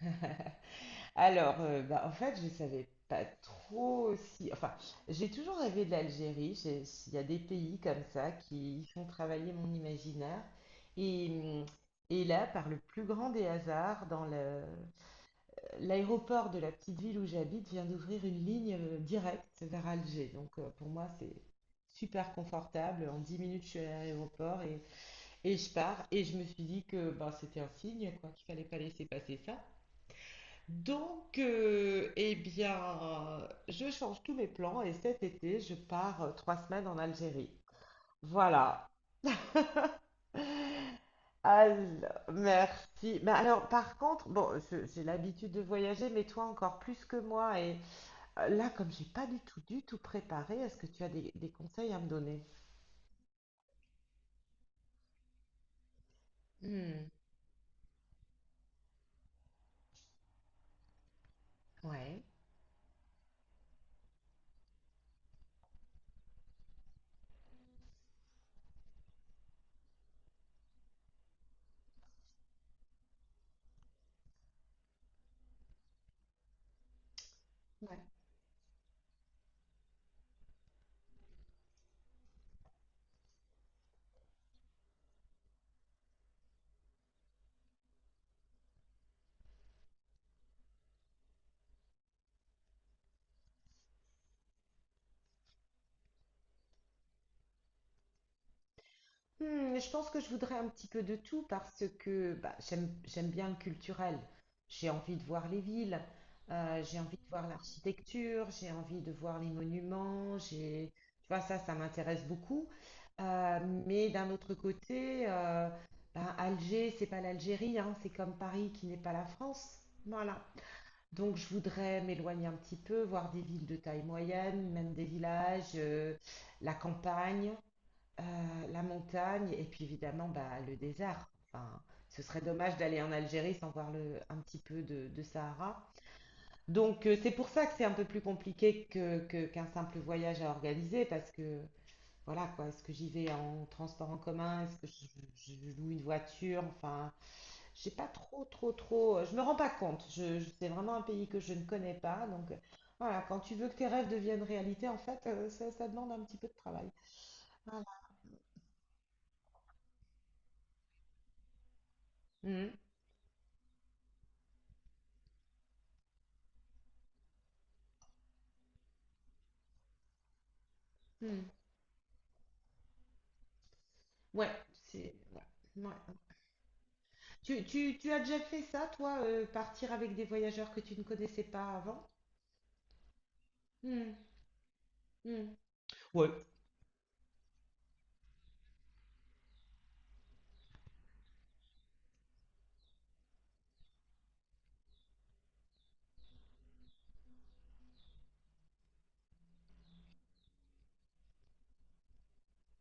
Alors, en fait, je savais pas trop si... Enfin, j'ai toujours rêvé de l'Algérie. Il y a des pays comme ça qui font travailler mon imaginaire. Et et là, par le plus grand des hasards, l'aéroport de la petite ville où j'habite vient d'ouvrir une ligne directe vers Alger. Donc, pour moi, c'est super confortable. En 10 minutes, je suis à l'aéroport et je pars. Et je me suis dit que bah, c'était un signe, quoi, qu'il fallait pas laisser passer ça. Donc, eh bien, je change tous mes plans et cet été, je pars 3 semaines en Algérie. Voilà. Alors, merci. Mais alors, par contre, bon, j'ai l'habitude de voyager, mais toi encore plus que moi. Et là, comme j'ai pas du tout, du tout préparé, est-ce que tu as des conseils à me donner? Hmm, ouais. Ouais. Hmm, je pense que je voudrais un petit peu de tout parce que bah, j'aime bien le culturel. J'ai envie de voir les villes, j'ai envie de voir l'architecture, j'ai envie de voir les monuments, j'ai, tu vois, ça m'intéresse beaucoup. Euh, mais d'un autre côté, ben, Alger, c'est pas l'Algérie, hein, c'est comme Paris qui n'est pas la France. Voilà. Donc je voudrais m'éloigner un petit peu, voir des villes de taille moyenne, même des villages, la campagne. Euh, la montagne et puis évidemment bah, le désert. Enfin, ce serait dommage d'aller en Algérie sans voir le, un petit peu de Sahara. Donc c'est pour ça que c'est un peu plus compliqué que, qu'un simple voyage à organiser parce que voilà quoi, est-ce que j'y vais en transport en commun, est-ce que je, je loue une voiture, enfin je sais pas trop, je me rends pas compte. Je, c'est vraiment un pays que je ne connais pas donc voilà quand tu veux que tes rêves deviennent réalité en fait ça, ça demande un petit peu de travail. Voilà. Mhm. Mhm. Ouais, c'est. Ouais. Ouais. Tu as déjà fait ça, toi, partir avec des voyageurs que tu ne connaissais pas avant? Hmm, hmm.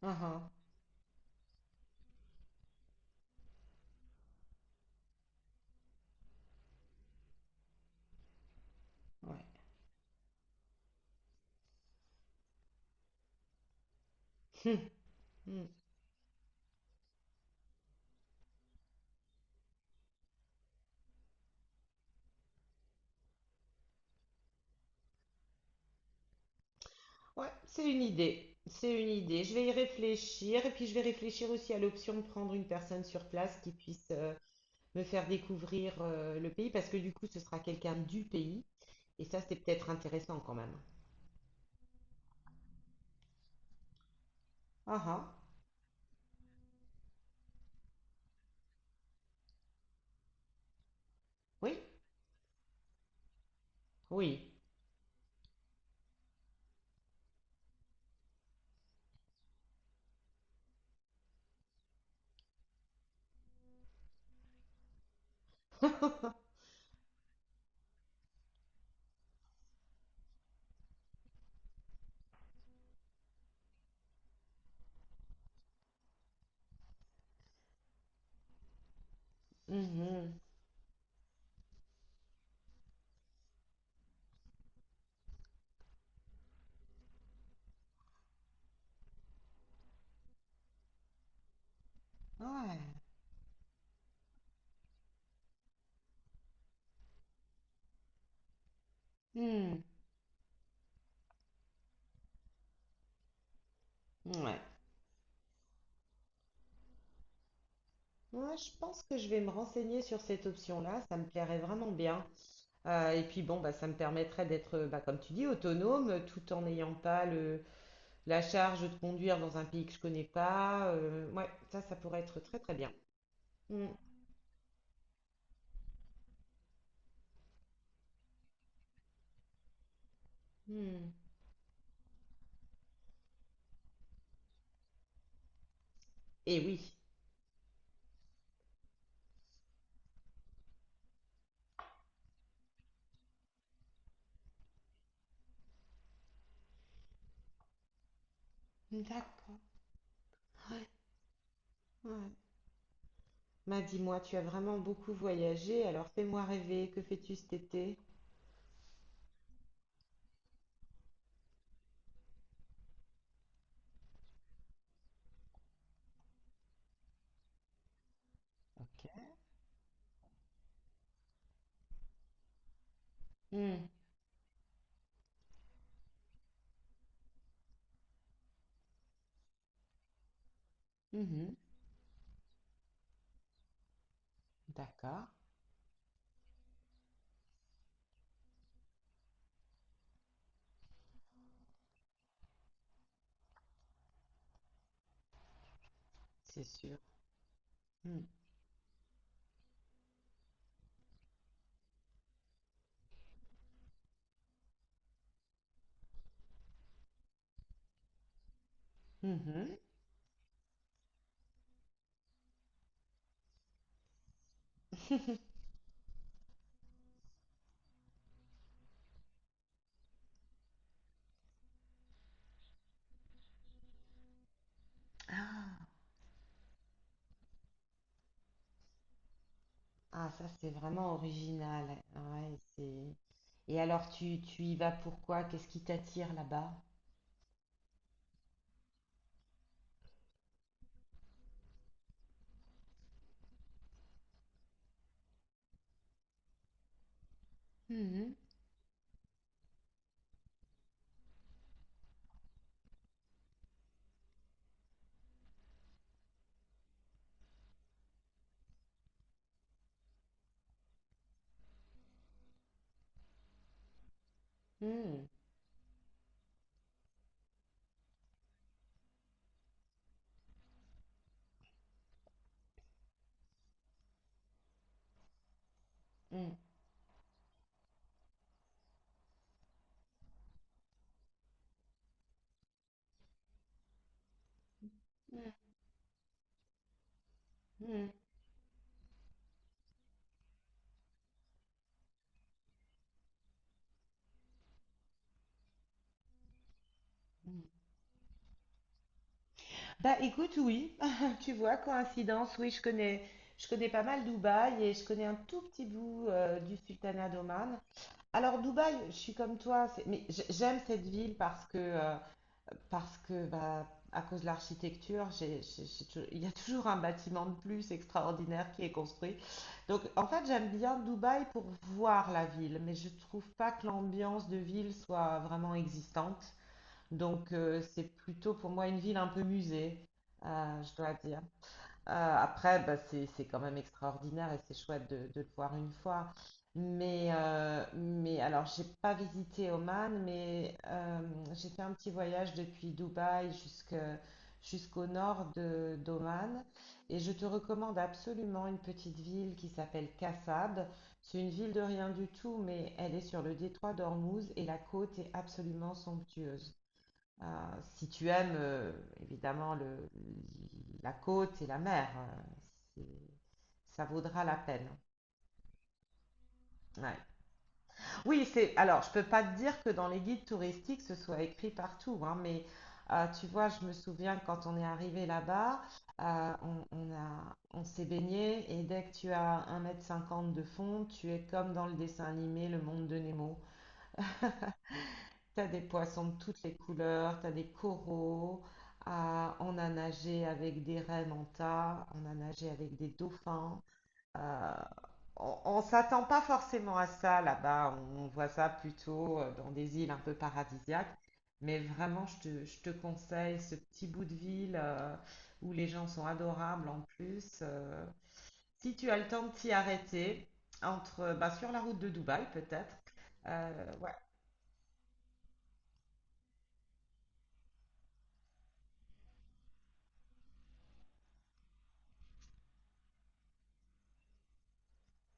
Ah ah, ouais. Hmm, hmm. Ouais, c'est une idée. C'est une idée. Je vais y réfléchir et puis je vais réfléchir aussi à l'option de prendre une personne sur place qui puisse me faire découvrir le pays parce que du coup, ce sera quelqu'un du pays et ça, c'est peut-être intéressant quand même. Ah ah, oui, oui. Mhm. Ouais. Hmm. Ouais. Moi, je pense que je vais me renseigner sur cette option-là, ça me plairait vraiment bien. Et puis bon, bah, ça me permettrait d'être, bah, comme tu dis, autonome, tout en n'ayant pas le, la charge de conduire dans un pays que je connais pas. Ouais, ça pourrait être très très bien. Mm, mm. Et oui. D'accord. Ouais. Ouais. Bah, dis-moi, tu as vraiment beaucoup voyagé, alors fais-moi rêver, que fais-tu cet été? Ok. Mm, mhm. D'accord, c'est sûr. Mm, mhm. Ah, ça, c'est vraiment original. Ouais, c'est... Et alors, tu y vas pourquoi? Qu'est-ce qui t'attire là-bas? Mhm. Mhm. Mhm. Mm. Mhm. Mhm. Bah, écoute, oui. Tu vois, coïncidence, oui, je connais pas mal Dubaï et je connais un tout petit bout du Sultanat d'Oman. Alors, Dubaï, je suis comme toi, c'est- mais j'aime cette ville parce que bah, à cause de l'architecture, il y a toujours un bâtiment de plus extraordinaire qui est construit. Donc en fait, j'aime bien Dubaï pour voir la ville, mais je trouve pas que l'ambiance de ville soit vraiment existante. Donc c'est plutôt pour moi une ville un peu musée, je dois dire. Euh, Après, bah, c'est quand même extraordinaire et c'est chouette de le voir une fois. Mais alors, j'ai pas visité Oman, mais j'ai fait un petit voyage depuis Dubaï jusqu'au nord de, d'Oman. Et je te recommande absolument une petite ville qui s'appelle Kassab. C'est une ville de rien du tout, mais elle est sur le détroit d'Ormuz et la côte est absolument somptueuse. Euh, Si tu aimes, évidemment, le, la côte et la mer, c'est- ça vaudra la peine. Ouais. Oui, c'est. Alors, je peux pas te dire que dans les guides touristiques, ce soit écrit partout, hein, mais tu vois, je me souviens quand on est arrivé là-bas, on a, on s'est baigné et dès que tu as 1,50 mètre de fond, tu es comme dans le dessin animé Le Monde de Nemo. T'as des poissons de toutes les couleurs, t'as des coraux, à, on a nagé avec des rennes en tas, on a nagé avec des dauphins. Euh, on s'attend pas forcément à ça là-bas, on voit ça plutôt dans des îles un peu paradisiaques. Mais vraiment, je te conseille ce petit bout de ville où les gens sont adorables en plus. Si tu as le temps de t'y arrêter, entre, bah, sur la route de Dubaï peut-être. Euh,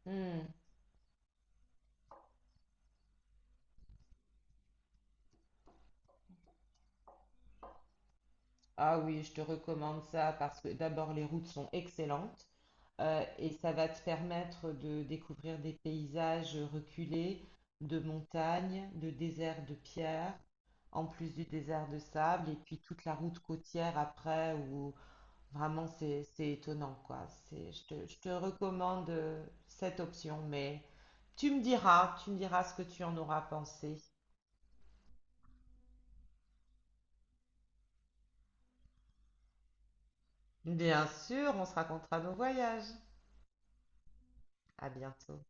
ouais. Ah oui, je te recommande ça parce que d'abord les routes sont excellentes et ça va te permettre de découvrir des paysages reculés, de montagnes, de déserts de pierre, en plus du désert de sable et puis toute la route côtière après où vraiment c'est étonnant quoi. C'est, je te recommande cette option, mais tu me diras ce que tu en auras pensé. Bien sûr, on se racontera nos voyages. À bientôt.